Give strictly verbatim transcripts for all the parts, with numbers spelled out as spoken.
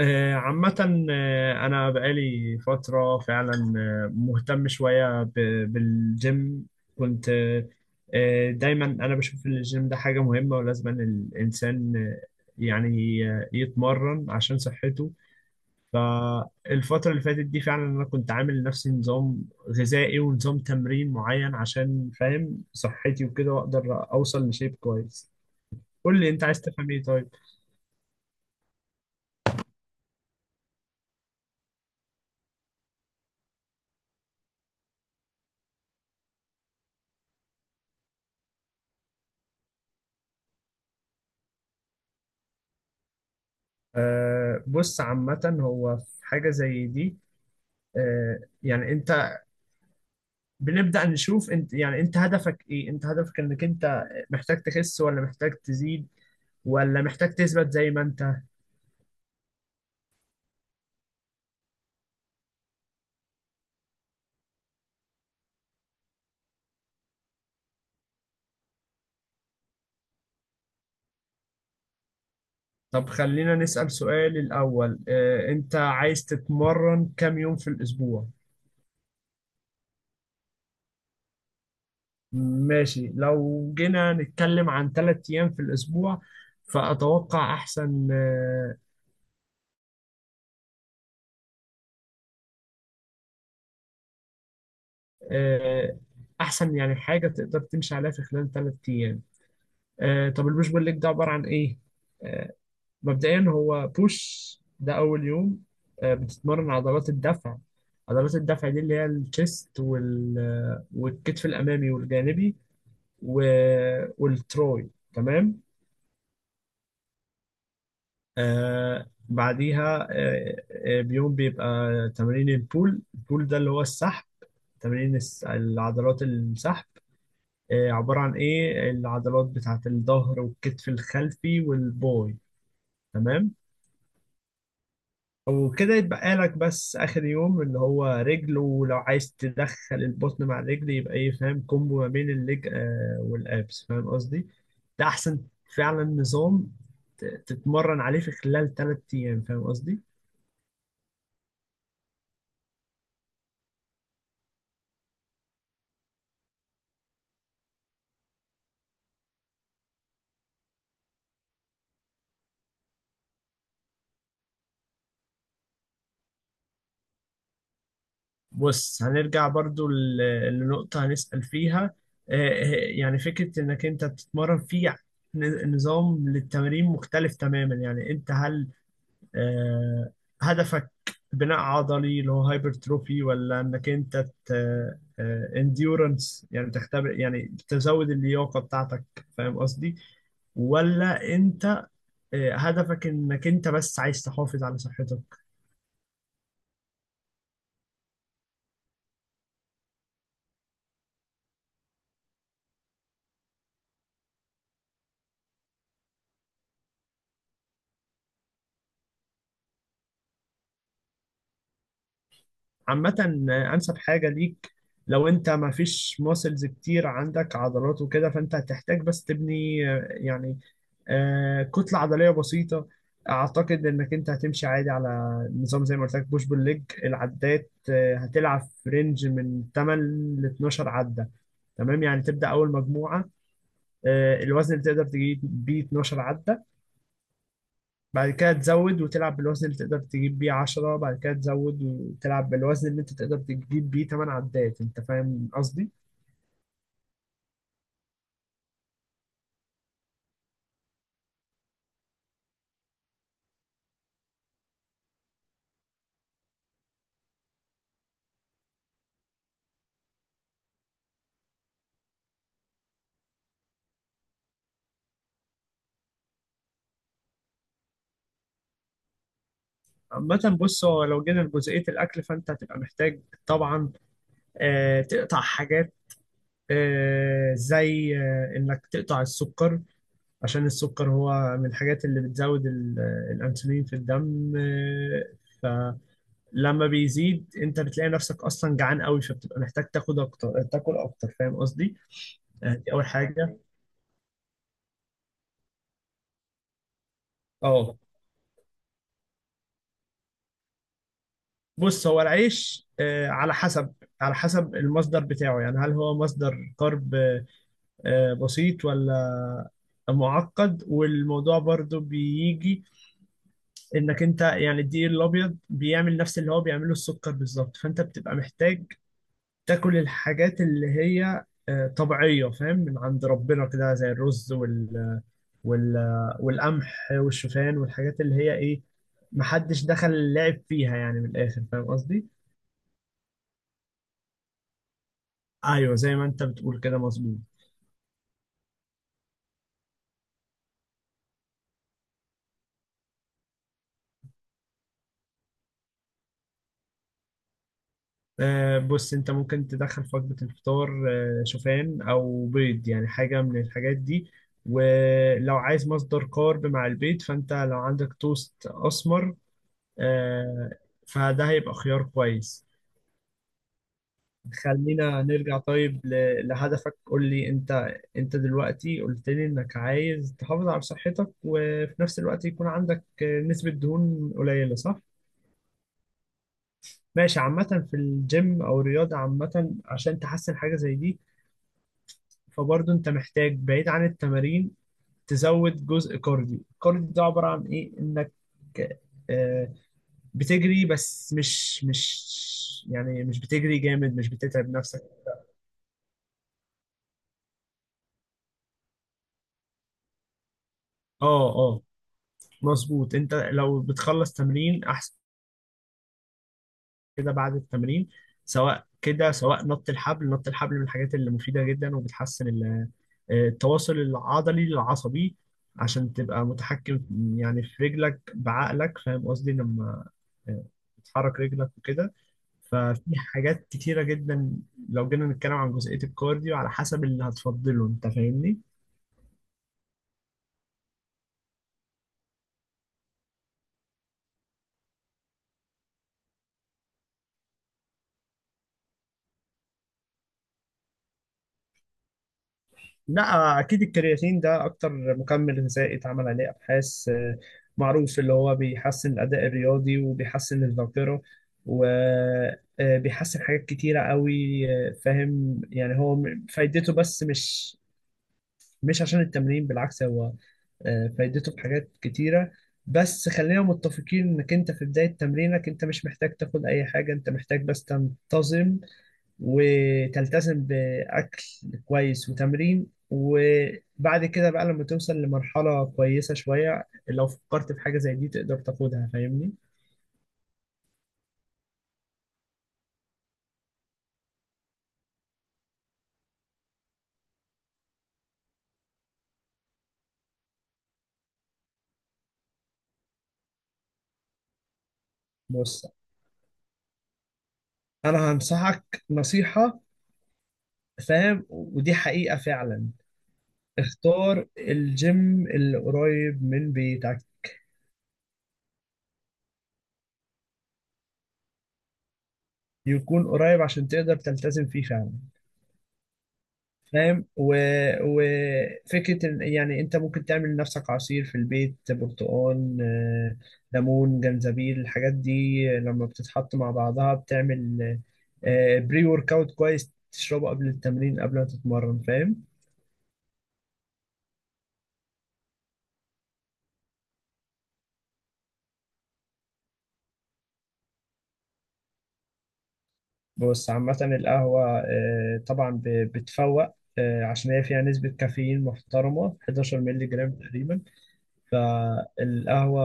آه، عامة، آه، أنا بقالي فترة فعلا. آه، مهتم شوية ب- بالجيم. كنت آه، آه، دايما أنا بشوف إن الجيم ده حاجة مهمة ولازم إن الإنسان آه، يعني آه، يتمرن عشان صحته. فالفترة اللي فاتت دي فعلا أنا كنت عامل لنفسي نظام غذائي ونظام تمرين معين عشان فاهم صحتي وكده، وأقدر أوصل لشيب كويس. قول لي أنت عايز تفهم إيه طيب؟ أه بص، عامة هو في حاجة زي دي. آه، يعني انت، بنبدأ نشوف انت، يعني انت هدفك ايه، انت هدفك انك انت محتاج تخس، ولا محتاج تزيد، ولا محتاج تثبت زي ما انت. طب خلينا نسأل سؤال الأول، آه، انت عايز تتمرن كام يوم في الأسبوع؟ ماشي، لو جينا نتكلم عن ثلاث أيام في الأسبوع فأتوقع أحسن. آه، آه، أحسن يعني حاجة تقدر تمشي عليها في خلال ثلاث أيام. آه، طب البوش بول ليج ده عبارة عن إيه؟ آه، مبدئيا هو بوش ده اول يوم، آه، بتتمرن عضلات الدفع. عضلات الدفع دي اللي هي الشيست وال آه، والكتف الامامي والجانبي و... والتروي، تمام. آه بعديها آه آه، بيوم بيبقى تمارين البول. البول ده اللي هو السحب، تمارين الس- العضلات السحب، آه عبارة عن ايه، العضلات بتاعت الظهر والكتف الخلفي والباي، تمام. وكده يتبقى لك بس اخر يوم اللي هو رجل، ولو عايز تدخل البطن مع الرجل يبقى ايه فاهم، كومبو ما بين الليج آه، والابس، فاهم قصدي. ده احسن فعلا، نظام ت- تتمرن عليه في خلال ثلاث ايام، فاهم قصدي؟ بص، هنرجع برضو ل- لنقطة هنسأل فيها. آه، آه، يعني فكرة انك انت بتتمرن في ن- نظام للتمارين مختلف تماما. يعني انت هل آه، هدفك بناء عضلي اللي هو هايبرتروفي، ولا انك انت انديورنس يعني تختبر يعني تزود اللياقة بتاعتك، فاهم قصدي؟ ولا انت آه، هدفك انك انت بس عايز تحافظ على صحتك؟ عامة، أنسب حاجة ليك لو أنت ما فيش ماسلز كتير عندك عضلات وكده، فأنت هتحتاج بس تبني آه، يعني آه، كتلة عضلية بسيطة. أعتقد إنك أنت هتمشي عادي على نظام زي ما قلت لك، بوش بول ليج. العدات آه، هتلعب في رينج من تمانية ل اثنا عشر عدة. تمام، يعني تبدأ أول مجموعة آه، الوزن اللي تقدر تجيب بيه اتناشر عدة، بعد كده تزود وتلعب بالوزن اللي تقدر تجيب بيه عشرة، بعد كده تزود وتلعب بالوزن اللي انت تقدر تجيب بيه تمن عدات، انت فاهم قصدي؟ عامة بص، هو لو جينا لجزئية الأكل فأنت هتبقى محتاج طبعا آه، تقطع حاجات، آه، زي آه، إنك تقطع السكر. عشان السكر هو من الحاجات اللي بتزود ال- آه، الأنسولين في الدم. آه، لما بيزيد أنت بتلاقي نفسك أصلا جعان قوي، فبتبقى محتاج تاخد أكتر تاكل أكتر، فاهم قصدي؟ آه، دي أول حاجة. اه بص، هو العيش آه، على حسب، على حسب المصدر بتاعه. يعني هل هو مصدر كارب آه، آه، بسيط ولا معقد، والموضوع برضو بيجي انك انت يعني الدقيق الابيض بيعمل نفس اللي هو بيعمله السكر بالظبط، فانت بتبقى محتاج تاكل الحاجات اللي هي آه، طبيعية فاهم، من عند ربنا كده زي الرز وال وال والقمح والشوفان والحاجات اللي هي ايه، محدش دخل لعب فيها يعني، من الاخر، فاهم قصدي؟ ايوه، زي ما انت بتقول كده، مظبوط. آه، بص، انت ممكن تدخل في وجبة الفطار آه، شوفان او بيض، يعني حاجة من الحاجات دي. ولو عايز مصدر كارب مع البيض فانت لو عندك توست اسمر، آه، فده هيبقى خيار كويس. خلينا نرجع طيب ل- لهدفك. قول لي انت، انت دلوقتي قلت لي انك عايز تحافظ على صحتك وفي نفس الوقت يكون عندك آه، نسبة دهون قليلة، صح؟ ماشي. عامة في الجيم أو الرياضة عامة عشان تحسن حاجة زي دي، فبرضه انت محتاج بعيد عن التمارين تزود جزء كارديو. الكارديو ده عبارة عن ايه، انك آه، بتجري بس مش مش يعني مش بتجري جامد، مش بتتعب نفسك. اه اه، مظبوط. انت لو بتخلص تمرين احسن كده بعد التمرين، سواء كده سواء نط الحبل، نط الحبل من الحاجات اللي مفيدة جدا وبتحسن ال- آه، التواصل العضلي العصبي، عشان تبقى متحكم يعني في رجلك بعقلك فاهم قصدي، لما بتحرك رجلك وكده. ففي حاجات كتيرة جدا لو جينا نتكلم عن جزئية الكارديو، على حسب اللي هتفضله انت، فاهمني؟ لا، اكيد الكرياتين ده اكتر مكمل غذائي اتعمل عليه ابحاث، آه، معروف اللي هو بيحسن الاداء الرياضي وبيحسن الذاكرة وبيحسن حاجات كتيرة قوي. آه، فاهم، يعني هو م- فايدته، بس مش مش عشان التمرين، بالعكس هو آه، فايدته في حاجات كتيرة، بس خلينا متفقين انك انت في بداية تمرينك انت مش محتاج تاخد اي حاجة. انت محتاج بس تنتظم وتلتزم بأكل كويس وتمرين، وبعد كده بقى لما توصل لمرحلة كويسة شوية لو فكرت في حاجة زي دي تقدر تاخدها، فاهمني؟ بص، انا هنصحك نصيحة فاهم، ودي حقيقة فعلا: اختار الجيم اللي قريب من بيتك، يكون قريب عشان تقدر تلتزم فيه فعلا. فاهم و... وفكرة إن- يعني انت ممكن تعمل لنفسك عصير في البيت، برتقال آه، ليمون جنزبيل، الحاجات دي لما بتتحط مع بعضها بتعمل آه، بري ورك اوت كويس، تشربه قبل التمرين قبل ما تتمرن، فاهم؟ بص عامة القهوة آه، طبعا ب- بتفوق آه، عشان هي فيها نسبة كافيين محترمة حداشر مللي جرام تقريبا. فالقهوة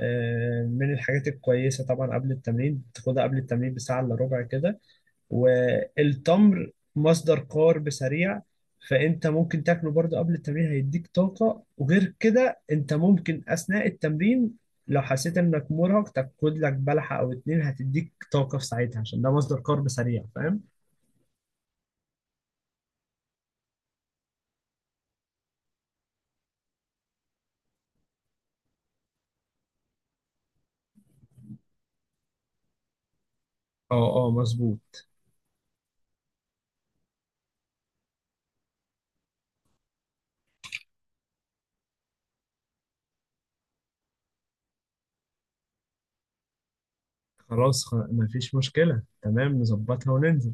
آه، من الحاجات الكويسة طبعا قبل التمرين، تاخدها قبل التمرين بساعة إلا ربع كده. والتمر مصدر كارب سريع، فأنت ممكن تاكله برضه قبل التمرين هيديك طاقة. وغير كده أنت ممكن أثناء التمرين لو حسيت إنك مرهق تاخد لك بلحة أو اتنين هتديك طاقة في ساعتها عشان ده مصدر كارب سريع، فاهم؟ اه اه، مظبوط. خلاص، خ- مفيش مشكلة، تمام، نظبطها وننزل.